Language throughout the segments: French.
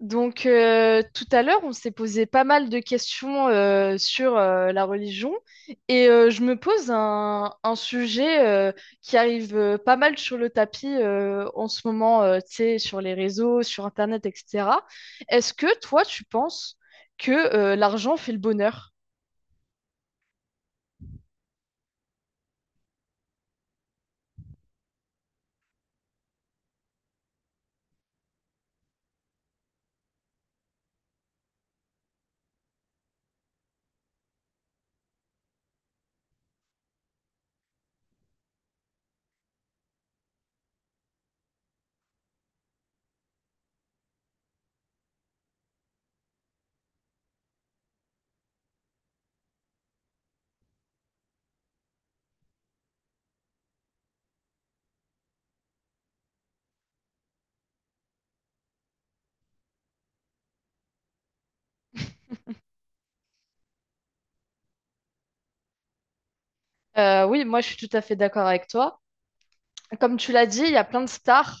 Tout à l'heure, on s'est posé pas mal de questions sur la religion et je me pose un sujet qui arrive pas mal sur le tapis en ce moment, tu sais, sur les réseaux, sur Internet, etc. Est-ce que toi, tu penses que l'argent fait le bonheur? Oui, moi, je suis tout à fait d'accord avec toi. Comme tu l'as dit, il y a plein de stars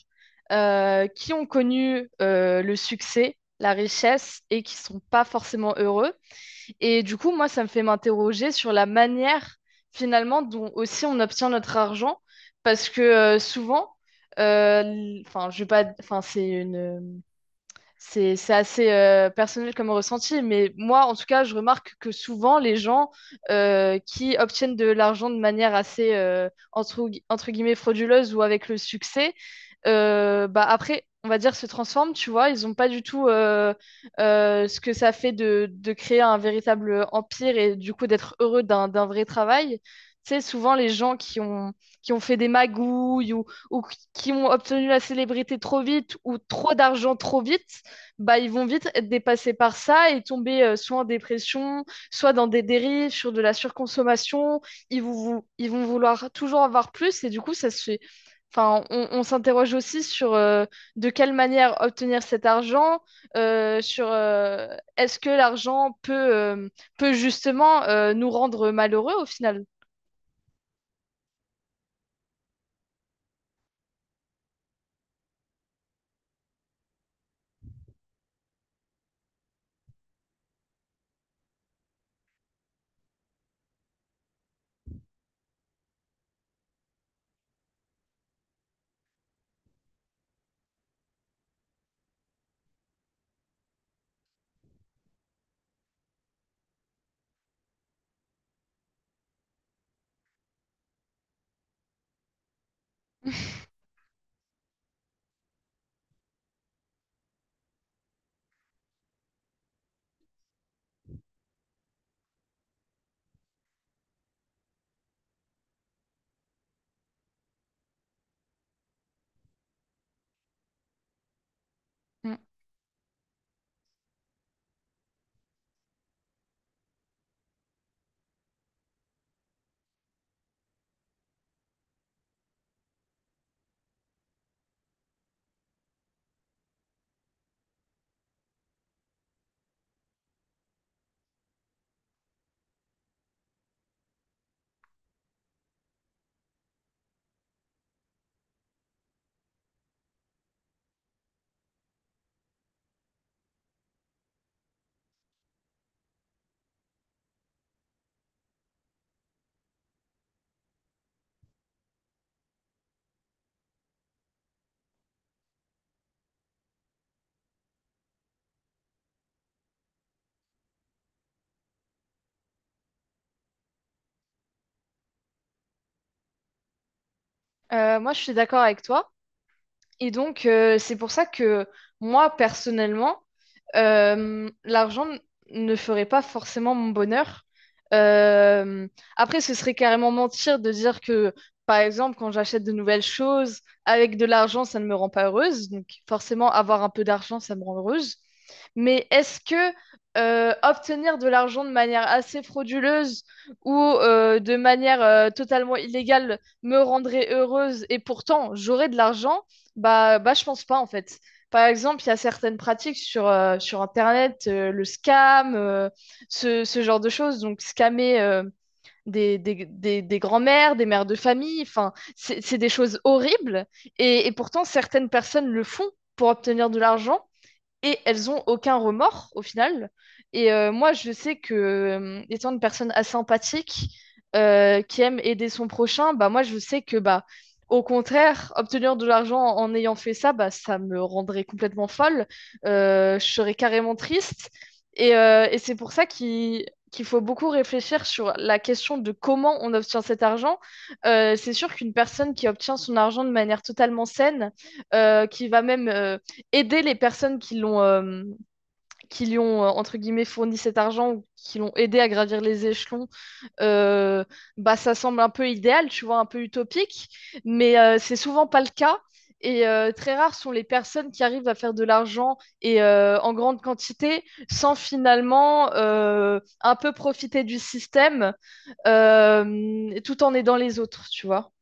qui ont connu le succès, la richesse et qui sont pas forcément heureux. Et du coup, moi, ça me fait m'interroger sur la manière finalement dont aussi on obtient notre argent, parce que souvent, enfin, je vais pas, enfin, c'est assez personnel comme ressenti, mais moi, en tout cas, je remarque que souvent, les gens qui obtiennent de l'argent de manière assez, entre guillemets, frauduleuse ou avec le succès, bah après, on va dire, se transforment, tu vois. Ils n'ont pas du tout ce que ça fait de créer un véritable empire et du coup d'être heureux d'un vrai travail. Tu sais, souvent, les gens qui ont fait des magouilles ou qui ont obtenu la célébrité trop vite ou trop d'argent trop vite, bah, ils vont vite être dépassés par ça et tomber soit en dépression, soit dans des dérives, sur de la surconsommation. Ils vont vouloir toujours avoir plus et du coup, ça se fait. Enfin, on s'interroge aussi sur de quelle manière obtenir cet argent, sur est-ce que l'argent peut justement nous rendre malheureux au final. Mm. Moi, je suis d'accord avec toi. Et donc, c'est pour ça que moi, personnellement, l'argent ne ferait pas forcément mon bonheur. Euh, Après, ce serait carrément mentir de dire que, par exemple, quand j'achète de nouvelles choses, avec de l'argent, ça ne me rend pas heureuse. Donc, forcément, avoir un peu d'argent, ça me rend heureuse. Mais est-ce que obtenir de l'argent de manière assez frauduleuse ou de manière totalement illégale me rendrait heureuse et pourtant j'aurais de l'argent? Bah, je pense pas en fait. Par exemple, il y a certaines pratiques sur Internet, le scam, ce genre de choses. Donc, scammer des grands-mères, des mères de famille, enfin, c'est des choses horribles. Et pourtant, certaines personnes le font pour obtenir de l'argent et elles ont aucun remords au final. Et moi, je sais que étant une personne assez empathique, qui aime aider son prochain, bah moi, je sais que, bah, au contraire, obtenir de l'argent en ayant fait ça, bah, ça me rendrait complètement folle. Je serais carrément triste. Et et c'est pour ça qu'il faut beaucoup réfléchir sur la question de comment on obtient cet argent. C'est sûr qu'une personne qui obtient son argent de manière totalement saine, qui va même aider les personnes qui l'ont qui lui ont entre guillemets fourni cet argent ou qui l'ont aidé à gravir les échelons euh, bah ça semble un peu idéal tu vois un peu utopique mais c'est souvent pas le cas et très rares sont les personnes qui arrivent à faire de l'argent et en grande quantité sans finalement un peu profiter du système tout en aidant les autres tu vois.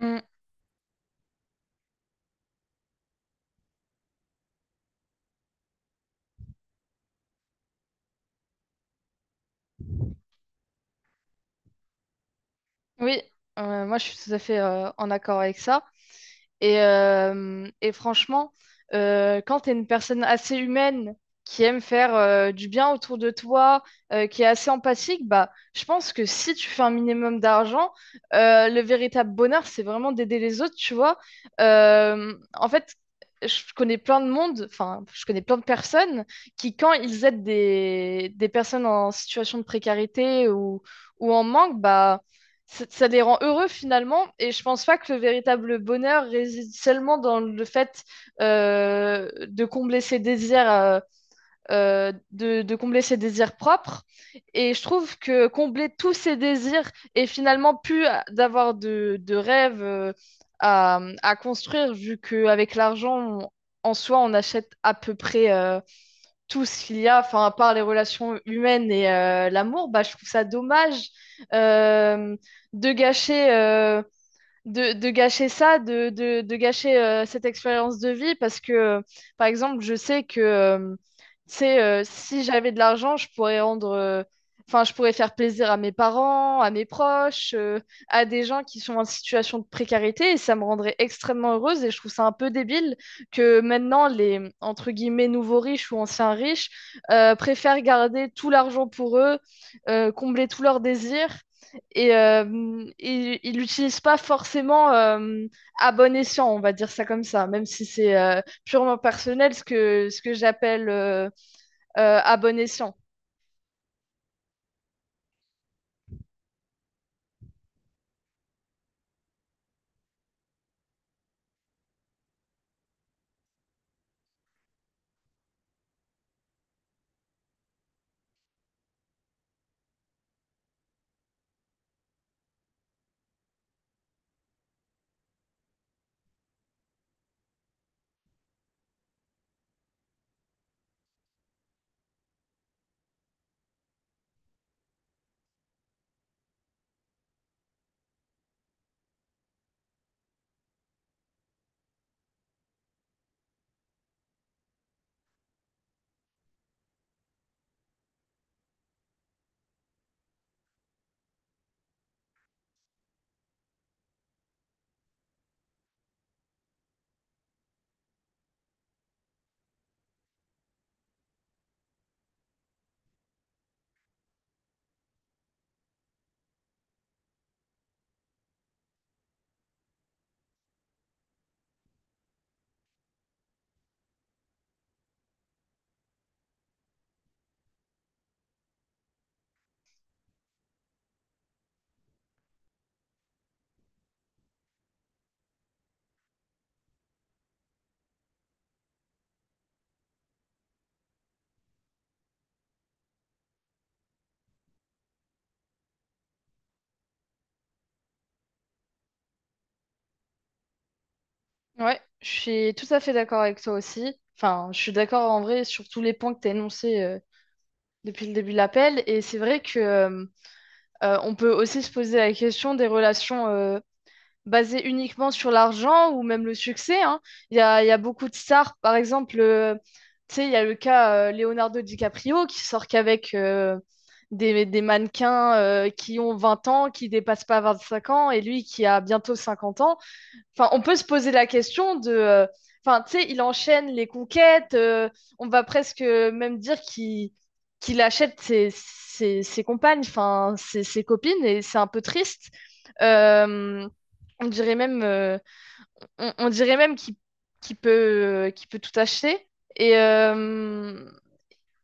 Mm. Oui, moi je suis tout à fait en accord avec ça. Et et franchement, quand tu es une personne assez humaine qui aime faire du bien autour de toi, qui est assez empathique, bah, je pense que si tu fais un minimum d'argent, le véritable bonheur, c'est vraiment d'aider les autres, tu vois. En fait, je connais plein de monde, enfin, je connais plein de personnes qui, quand ils aident des personnes en situation de précarité ou en manque, bah, ça les rend heureux finalement. Et je pense pas que le véritable bonheur réside seulement dans le fait de combler ses désirs, de combler ses désirs propres. Et je trouve que combler tous ses désirs et finalement plus d'avoir de rêves euh, à construire, vu qu'avec l'argent, en soi, on achète à peu près tout ce qu'il y a, enfin, à part les relations humaines et l'amour, bah, je trouve ça dommage euh, de gâcher euh, de gâcher ça, de gâcher cette expérience de vie parce que par exemple, je sais que tu sais, si j'avais de l'argent, je pourrais enfin, je pourrais faire plaisir à mes parents, à mes proches, à des gens qui sont en situation de précarité et ça me rendrait extrêmement heureuse et je trouve ça un peu débile que maintenant entre guillemets, nouveaux riches ou anciens riches préfèrent garder tout l'argent pour eux, combler tous leurs désirs et il l'utilise pas forcément à bon escient, on va dire ça comme ça, même si c'est purement personnel ce que j'appelle à bon escient. Ouais, je suis tout à fait d'accord avec toi aussi. Enfin, je suis d'accord en vrai sur tous les points que tu as énoncés depuis le début de l'appel. Et c'est vrai que on peut aussi se poser la question des relations basé uniquement sur l'argent ou même le succès, hein. Il y a beaucoup de stars, par exemple, tu sais, il y a le cas Leonardo DiCaprio qui sort qu'avec des mannequins qui ont 20 ans, qui dépassent pas 25 ans, et lui qui a bientôt 50 ans. Enfin, on peut se poser la question de. Enfin, tu sais, il enchaîne les conquêtes. On va presque même dire qu'il achète ses compagnes, enfin, ses copines, et c'est un peu triste. Euh, on dirait même, euh, on dirait même qu'il qu'il peut tout acheter. Et, euh,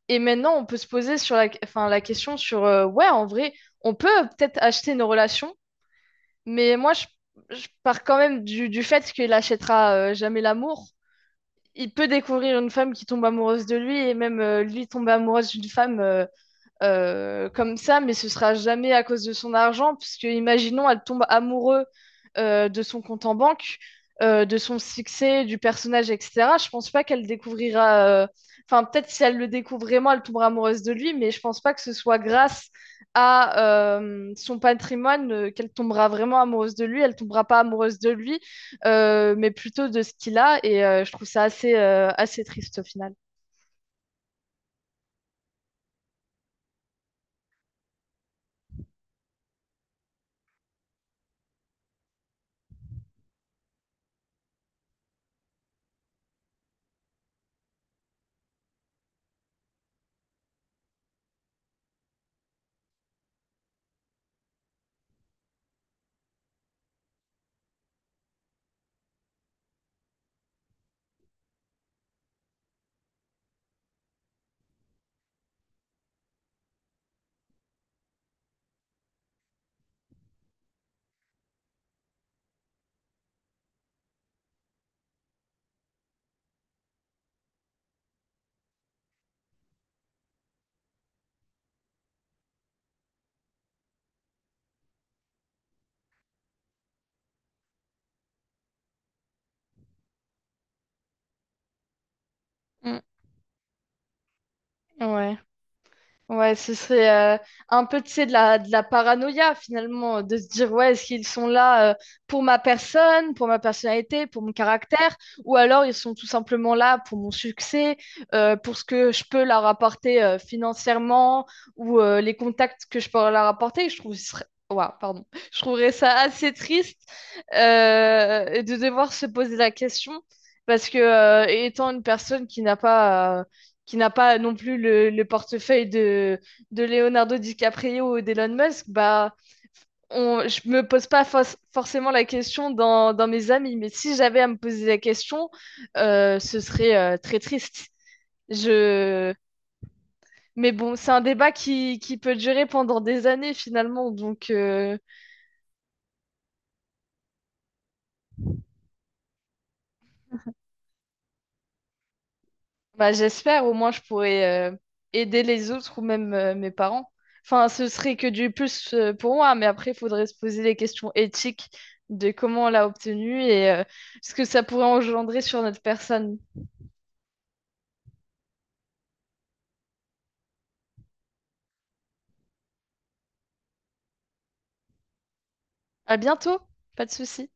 et maintenant, on peut se poser sur la, enfin, la question ouais, en vrai, on peut peut-être acheter nos relations mais je pars quand même du fait qu'il achètera jamais l'amour. Il peut découvrir une femme qui tombe amoureuse de lui et même lui tomber amoureuse d'une femme. Comme ça, mais ce sera jamais à cause de son argent, puisque imaginons, elle tombe amoureuse de son compte en banque, de son succès, du personnage, etc. Je pense pas qu'elle découvrira. Enfin, peut-être si elle le découvre vraiment, elle tombera amoureuse de lui, mais je pense pas que ce soit grâce à son patrimoine qu'elle tombera vraiment amoureuse de lui. Elle tombera pas amoureuse de lui, mais plutôt de ce qu'il a. Et je trouve ça assez, assez triste au final. Mm, ouais. Ouais, ce serait un peu, tu sais, de la paranoïa finalement, de se dire, ouais, est-ce qu'ils sont là pour ma personne, pour ma personnalité, pour mon caractère, ou alors ils sont tout simplement là pour mon succès, pour ce que je peux leur apporter financièrement, ou les contacts que je peux leur apporter. Je trouve, ce serait- Ouah, pardon. Je trouverais ça assez triste de devoir se poser la question, parce que étant une personne qui n'a pas non plus le portefeuille de Leonardo DiCaprio ou d'Elon Musk, bah, je me pose pas forcément la question dans mes amis, mais si j'avais à me poser la question, ce serait très triste. Je... Mais bon, c'est un débat qui peut durer pendant des années finalement, donc bah, j'espère, au moins je pourrais aider les autres ou même mes parents. Enfin, ce serait que du plus pour moi, mais après, il faudrait se poser les questions éthiques de comment on l'a obtenu et ce que ça pourrait engendrer sur notre personne. À bientôt, pas de souci.